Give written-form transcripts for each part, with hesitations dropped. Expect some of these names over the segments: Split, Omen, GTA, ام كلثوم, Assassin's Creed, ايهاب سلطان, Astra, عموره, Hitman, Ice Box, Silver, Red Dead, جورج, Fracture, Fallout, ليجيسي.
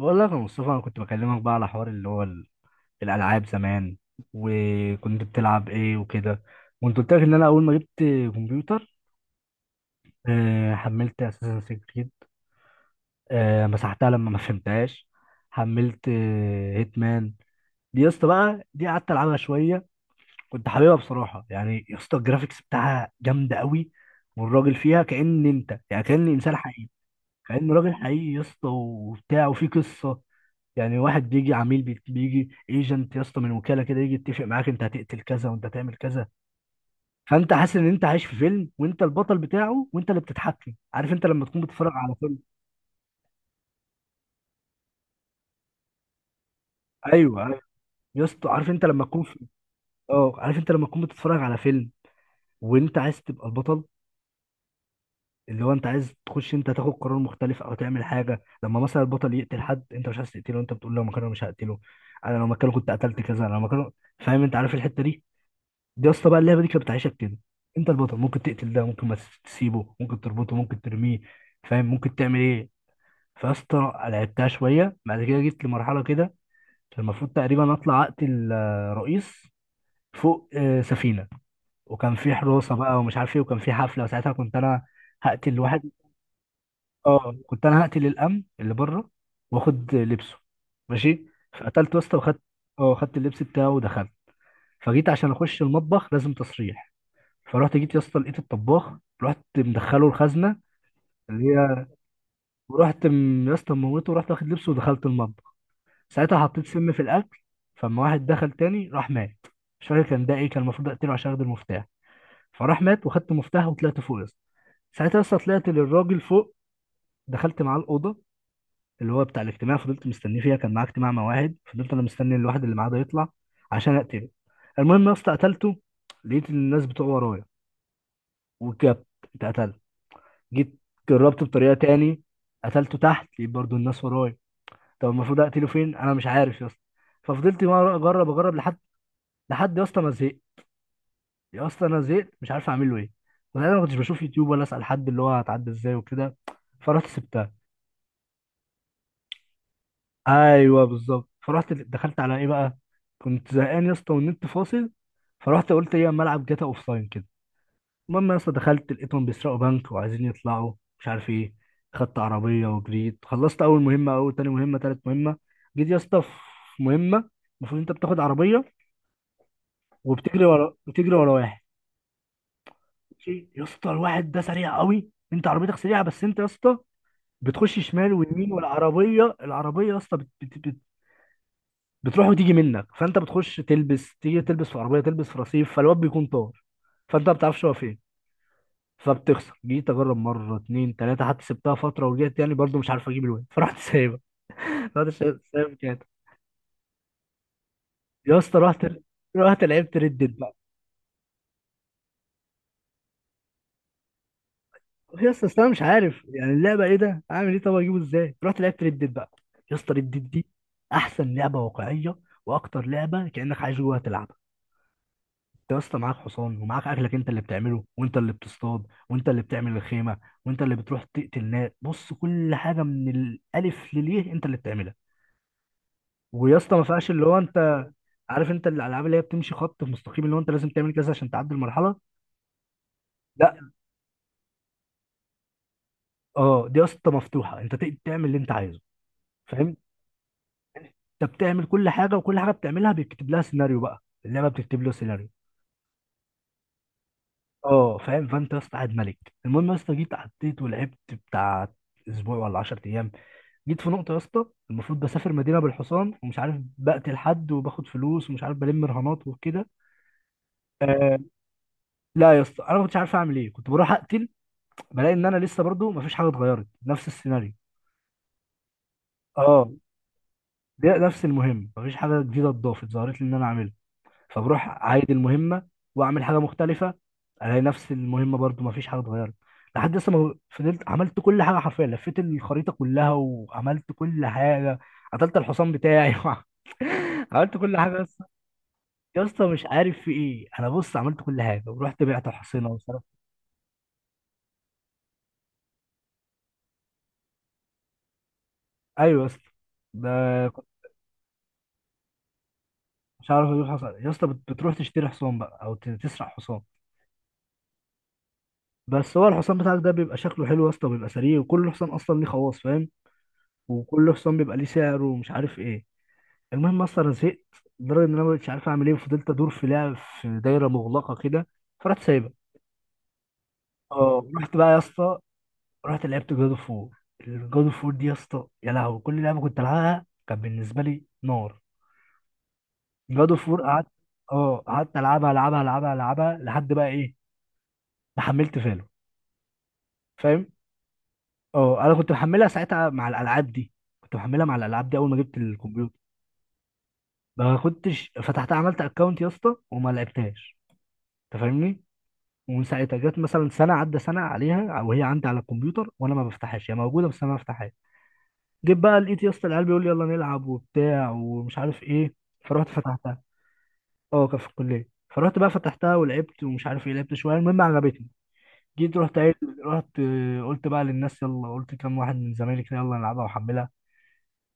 بقول لك يا مصطفى، انا كنت بكلمك بقى على حوار اللي هو الالعاب زمان، وكنت بتلعب ايه وكده، وانت قلت لك ان انا اول ما جبت كمبيوتر. حملت اساسن كريد. مسحتها لما ما فهمتهاش. حملت هيتمان. دي يا اسطى بقى، دي قعدت العبها شويه. كنت حاببها بصراحه يعني يا اسطى، الجرافيكس بتاعها جامده قوي، والراجل فيها كأن انت يعني كأن انسان حقيقي. كأنه راجل حقيقي يا اسطى وبتاع وفي قصة. يعني واحد بيجي عميل بيجي ايجنت يا اسطى من وكالة كده، يجي يتفق معاك انت هتقتل كذا وانت هتعمل كذا. فانت حاسس ان انت عايش في فيلم وانت البطل بتاعه وانت اللي بتتحكم. عارف انت لما تكون بتتفرج على فيلم؟ ايوه ايوه. يا اسطى عارف انت لما تكون في... اه، عارف انت لما تكون بتتفرج على فيلم وانت عايز تبقى البطل، اللي هو انت عايز تخش، انت تاخد قرار مختلف او تعمل حاجه، لما مثلا البطل يقتل حد انت مش عايز تقتله، انت بتقول لو مكانه مش هقتله، انا لو مكانه كنت قتلت كذا، انا لو مكانه. فاهم؟ انت عارف الحته دي. دي يا اسطى بقى اللعبه دي كانت بتعيشك كده. انت البطل، ممكن تقتل ده، ممكن ما تس- تسيبه، ممكن تربطه، ممكن ترميه. فاهم؟ ممكن تعمل ايه. فيا اسطى لعبتها شويه، بعد كده جيت لمرحله كده، كان المفروض تقريبا اطلع اقتل رئيس فوق سفينه. وكان في حراسه بقى ومش عارف ايه، وكان في حفله، وساعتها كنت انا هقتل واحد. اه، كنت انا هقتل الامن اللي بره، واخد لبسه، ماشي. فقتلت واسطه وخدت، اه، خدت اللبس بتاعه ودخلت. فجيت عشان اخش المطبخ لازم تصريح. فرحت جيت يا اسطى لقيت الطباخ، رحت مدخله الخزنه اللي هي، ورحت يا اسطى موته ورحت واخد لبسه ودخلت المطبخ. ساعتها حطيت سم في الاكل. فلما واحد دخل تاني راح مات. مش فاكر كان ده ايه، كان المفروض اقتله عشان اخد المفتاح. فراح مات وخدت مفتاح وطلعت فوق يا اسطى. ساعتها يا اسطى طلعت للراجل فوق، دخلت معاه الاوضه اللي هو بتاع الاجتماع، فضلت مستنيه فيها، كان معاه اجتماع مواعيد، فضلت انا مستني الواحد اللي معاه ده يطلع عشان اقتله. المهم يا اسطى قتلته، لقيت الناس بتوع ورايا، وجبت اتقتلت. جيت جربت بطريقه تاني، قتلته تحت لقيت برضو الناس ورايا. طب المفروض اقتله فين؟ انا مش عارف يا اسطى. ففضلت مرة اجرب اجرب لحد، لحد يا اسطى ما زهقت. يا اسطى انا زهقت، مش عارف اعمل له ايه. وأنا ما كنتش بشوف يوتيوب ولا اسال حد اللي هو هتعدي ازاي وكده. فرحت سبتها. ايوه بالظبط. فرحت دخلت على ايه بقى، كنت زهقان يا اسطى والنت فاصل. فرحت قلت ايه أما العب جاتا اوف لاين كده. المهم يا اسطى دخلت لقيتهم بيسرقوا بنك وعايزين يطلعوا، مش عارف ايه. خدت عربيه وجريت، خلصت اول مهمه، اول تاني مهمه، تالت مهمه. جيت يا اسطى في مهمه، المفروض انت بتاخد عربيه وبتجري ورا، بتجري ورا واحد ماشي؟ يا اسطى الواحد ده سريع قوي، انت عربيتك سريعه بس انت يا اسطى بتخش شمال ويمين، والعربيه العربيه يا اسطى بتروح وتيجي منك، فانت بتخش تلبس، تيجي تلبس في عربيه، تلبس في رصيف، فالواد بيكون طار، فانت ما بتعرفش هو فين. فبتخسر. جيت اجرب مره اتنين تلاته، حتى سبتها فتره ورجعت يعني، برضو مش عارف اجيب الواد. فرحت سايبها، رحت سايب كده. يا اسطى رحت لعبت ردد بقى. يا اسطى أصل انا مش عارف يعني اللعبه ايه ده، اعمل ايه، طب اجيبه ازاي. رحت لعبت ردد بقى. يا اسطى ردد دي احسن لعبه واقعيه، واكتر لعبه كانك عايش جواها تلعب. انت يا اسطى معاك حصان ومعاك اكلك انت اللي بتعمله، وانت اللي بتصطاد، وانت اللي بتعمل الخيمه، وانت اللي بتروح تقتل ناس. بص، كل حاجه من الالف لليه انت اللي بتعملها. ويا اسطى ما فيهاش اللي هو انت، عارف انت الالعاب اللي هي بتمشي خط في مستقيم، اللي هو انت لازم تعمل كذا عشان تعدي المرحله. لا، اه، دي يا اسطى مفتوحه، انت تقدر تعمل اللي انت عايزه. فاهم؟ انت بتعمل كل حاجه، وكل حاجه بتعملها بيكتب لها سيناريو بقى، اللعبه بتكتب له سيناريو. اه فاهم. فانت يا اسطى قاعد ملك. المهم يا اسطى جيت عديت ولعبت بتاع اسبوع ولا 10 ايام. جيت في نقطه يا اسطى، المفروض بسافر مدينه بالحصان ومش عارف، بقتل حد وباخد فلوس ومش عارف بلم رهانات وكده. آه، لا يا اسطى انا ما كنتش عارف اعمل ايه، كنت بروح اقتل، بلاقي ان انا لسه برضو ما فيش حاجه اتغيرت، نفس السيناريو. اه، ده نفس المهم، ما فيش حاجه جديده اتضافت ظهرت لي ان انا اعملها، فبروح اعيد المهمه واعمل حاجه مختلفه، الاقي نفس المهمه برضو ما فيش حاجه اتغيرت. لحد لسه ما فضلت عملت كل حاجه حرفيا، لفيت الخريطه كلها وعملت كل حاجه، قتلت الحصان بتاعي. عملت كل حاجه يا اسطى. يا اسطى مش عارف في ايه، انا بص عملت كل حاجه ورحت بعت حصينه وصرفت. ايوه يا اسطى، ده كنت مش عارف اجيب حصان يا اسطى. بتروح تشتري حصان بقى، او تسرق حصان. بس هو الحصان بتاعك ده بيبقى شكله حلو يا اسطى، بيبقى سريع وكل حصان اصلا ليه خواص، فاهم، وكل حصان بيبقى ليه سعر ومش عارف ايه. المهم اصلا زهقت لدرجه ان انا مش عارف اعمل ايه، وفضلت ادور في لعب في دايره مغلقه كده. فرحت سايبها. اه، رحت بقى يا اسطى، رحت لعبت جاد اوف وور. جاد اوف وور دي يا اسطى يا لهوي، كل لعبه كنت العبها كان بالنسبه لي نار. جاد اوف وور قعدت، اه، قعدت العبها العبها العبها العبها لحد بقى ايه، ما حملت فالو. فاهم؟ اه، انا كنت محملها ساعتها مع الالعاب دي، كنت محملها مع الالعاب دي اول ما جبت الكمبيوتر. ما كنتش فتحتها، عملت اكونت يا اسطى وما لعبتهاش، انت فاهمني. ومن ساعتها جت مثلا سنه، عدى سنه عليها وهي عندي على الكمبيوتر وانا ما بفتحهاش، هي موجوده بس انا ما بفتحهاش. جيت بقى لقيت يا اسطى العيال بيقول لي يلا نلعب وبتاع ومش عارف ايه، فرحت فتحتها. اه كان في الكليه، فرحت بقى فتحتها ولعبت ومش عارف ايه، لعبت شويه المهم عجبتني. جيت رحت قايل، رحت، قلت بقى للناس يلا، قلت كام واحد من زمايلي كده يلا نلعبها واحملها.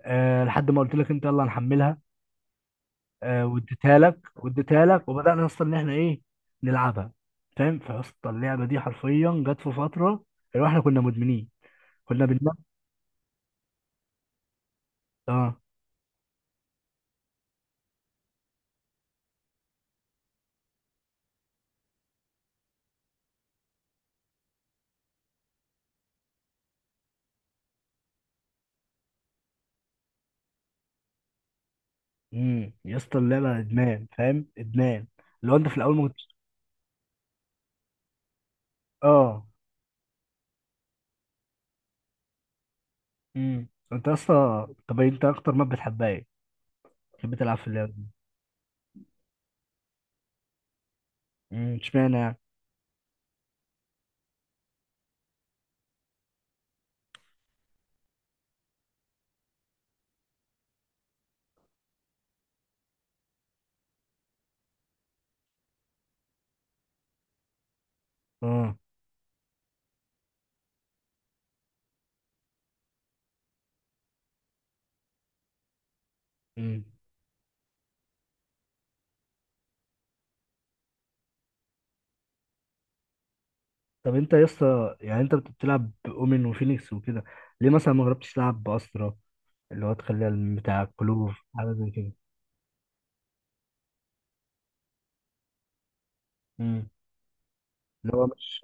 أه لحد ما قلت لك انت يلا نحملها. واديتها لك، واديتها لك وبدانا اصلا ان احنا ايه نلعبها. فاهم؟ فاصلا اللعبه دي حرفيا جت في فتره اللي هو احنا كنا مدمنين، كنا بننام. اه. يا اسطى اللعبه ادمان، فاهم، ادمان. لو انت في الاول ما كنتش. اه. امم. انت اصلا طب انت اكتر ما بتحبها ايه بتحب تلعب في اللعبه دي؟ اشمعنى يعني. اه. امم. طب انت يا اسطى يعني انت بتلعب باومن وفينيكس وكده، ليه مثلا ما جربتش تلعب باسرا، اللي هو تخليها بتاع الكلوف حاجه زي كده. مم. اللي هو مش.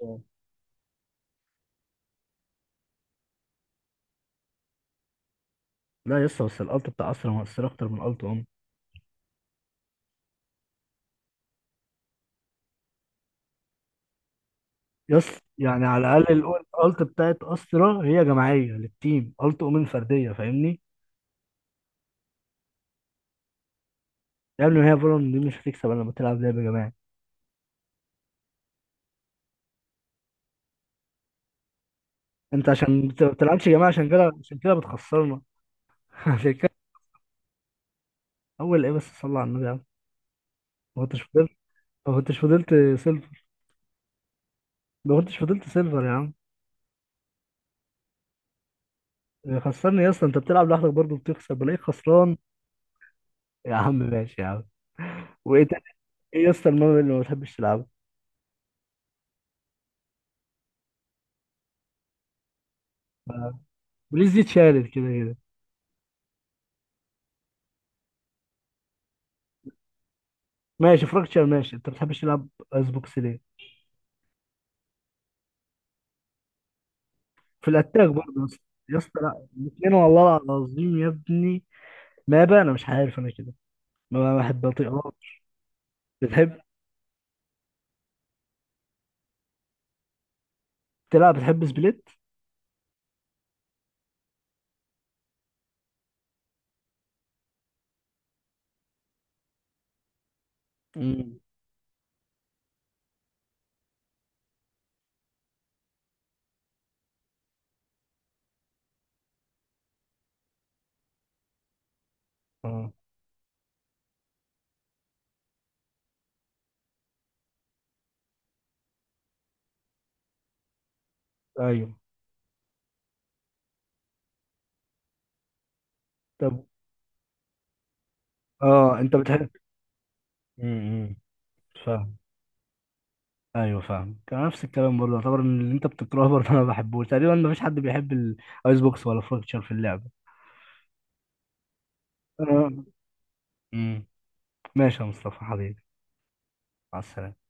لا يس، بس الالت بتاع استرا مؤثره اكتر من الت اوم. يس. يعني على الاقل الالت بتاعت استرا هي جماعيه للتيم، الت اومن فرديه، فاهمني. يعني هي فالون دي مش هتكسب الا لما تلعب لعب جماعي. انت عشان ما بتلعبش جماعي، عشان كده، عشان كده بتخسرنا. عشان كده. اول ايه بس، صلى على النبي يا عم. ما كنتش فضلت، ما كنتش فضلت سيلفر. ما كنتش فضلت سيلفر يا عم. خسرني يا اسطى، انت بتلعب لوحدك برضه بتخسر، بلاقيك خسران. يا عم ماشي يا عم. وايه تاني؟ ايه يا اسطى المهم اللي ما بتحبش تلعبه؟ ف- بليز دي اتشالت كده كده. ماشي، فراكتشر ماشي. انت ما بتحبش تلعب ايس بوكس ليه؟ في الاتاك برضه يا اسطى؟ يا اسطى لا الاثنين، والله العظيم يا ابني، ما بقى انا مش عارف انا كده ما بحب اطيقهاش. بتحب تلعب، بتحب سبليت. امم. اه ايوه. طب اه انت بتحب. امم. فاهم. ايوه فاهم، كان نفس الكلام برضه يعتبر ان اللي انت بتكرهه برضه انا ما بحبوش، تقريبا ما فيش حد بيحب الايس بوكس ولا فراكتشر في اللعبه. اه. امم. ماشي يا مصطفى حبيبي، مع السلامه.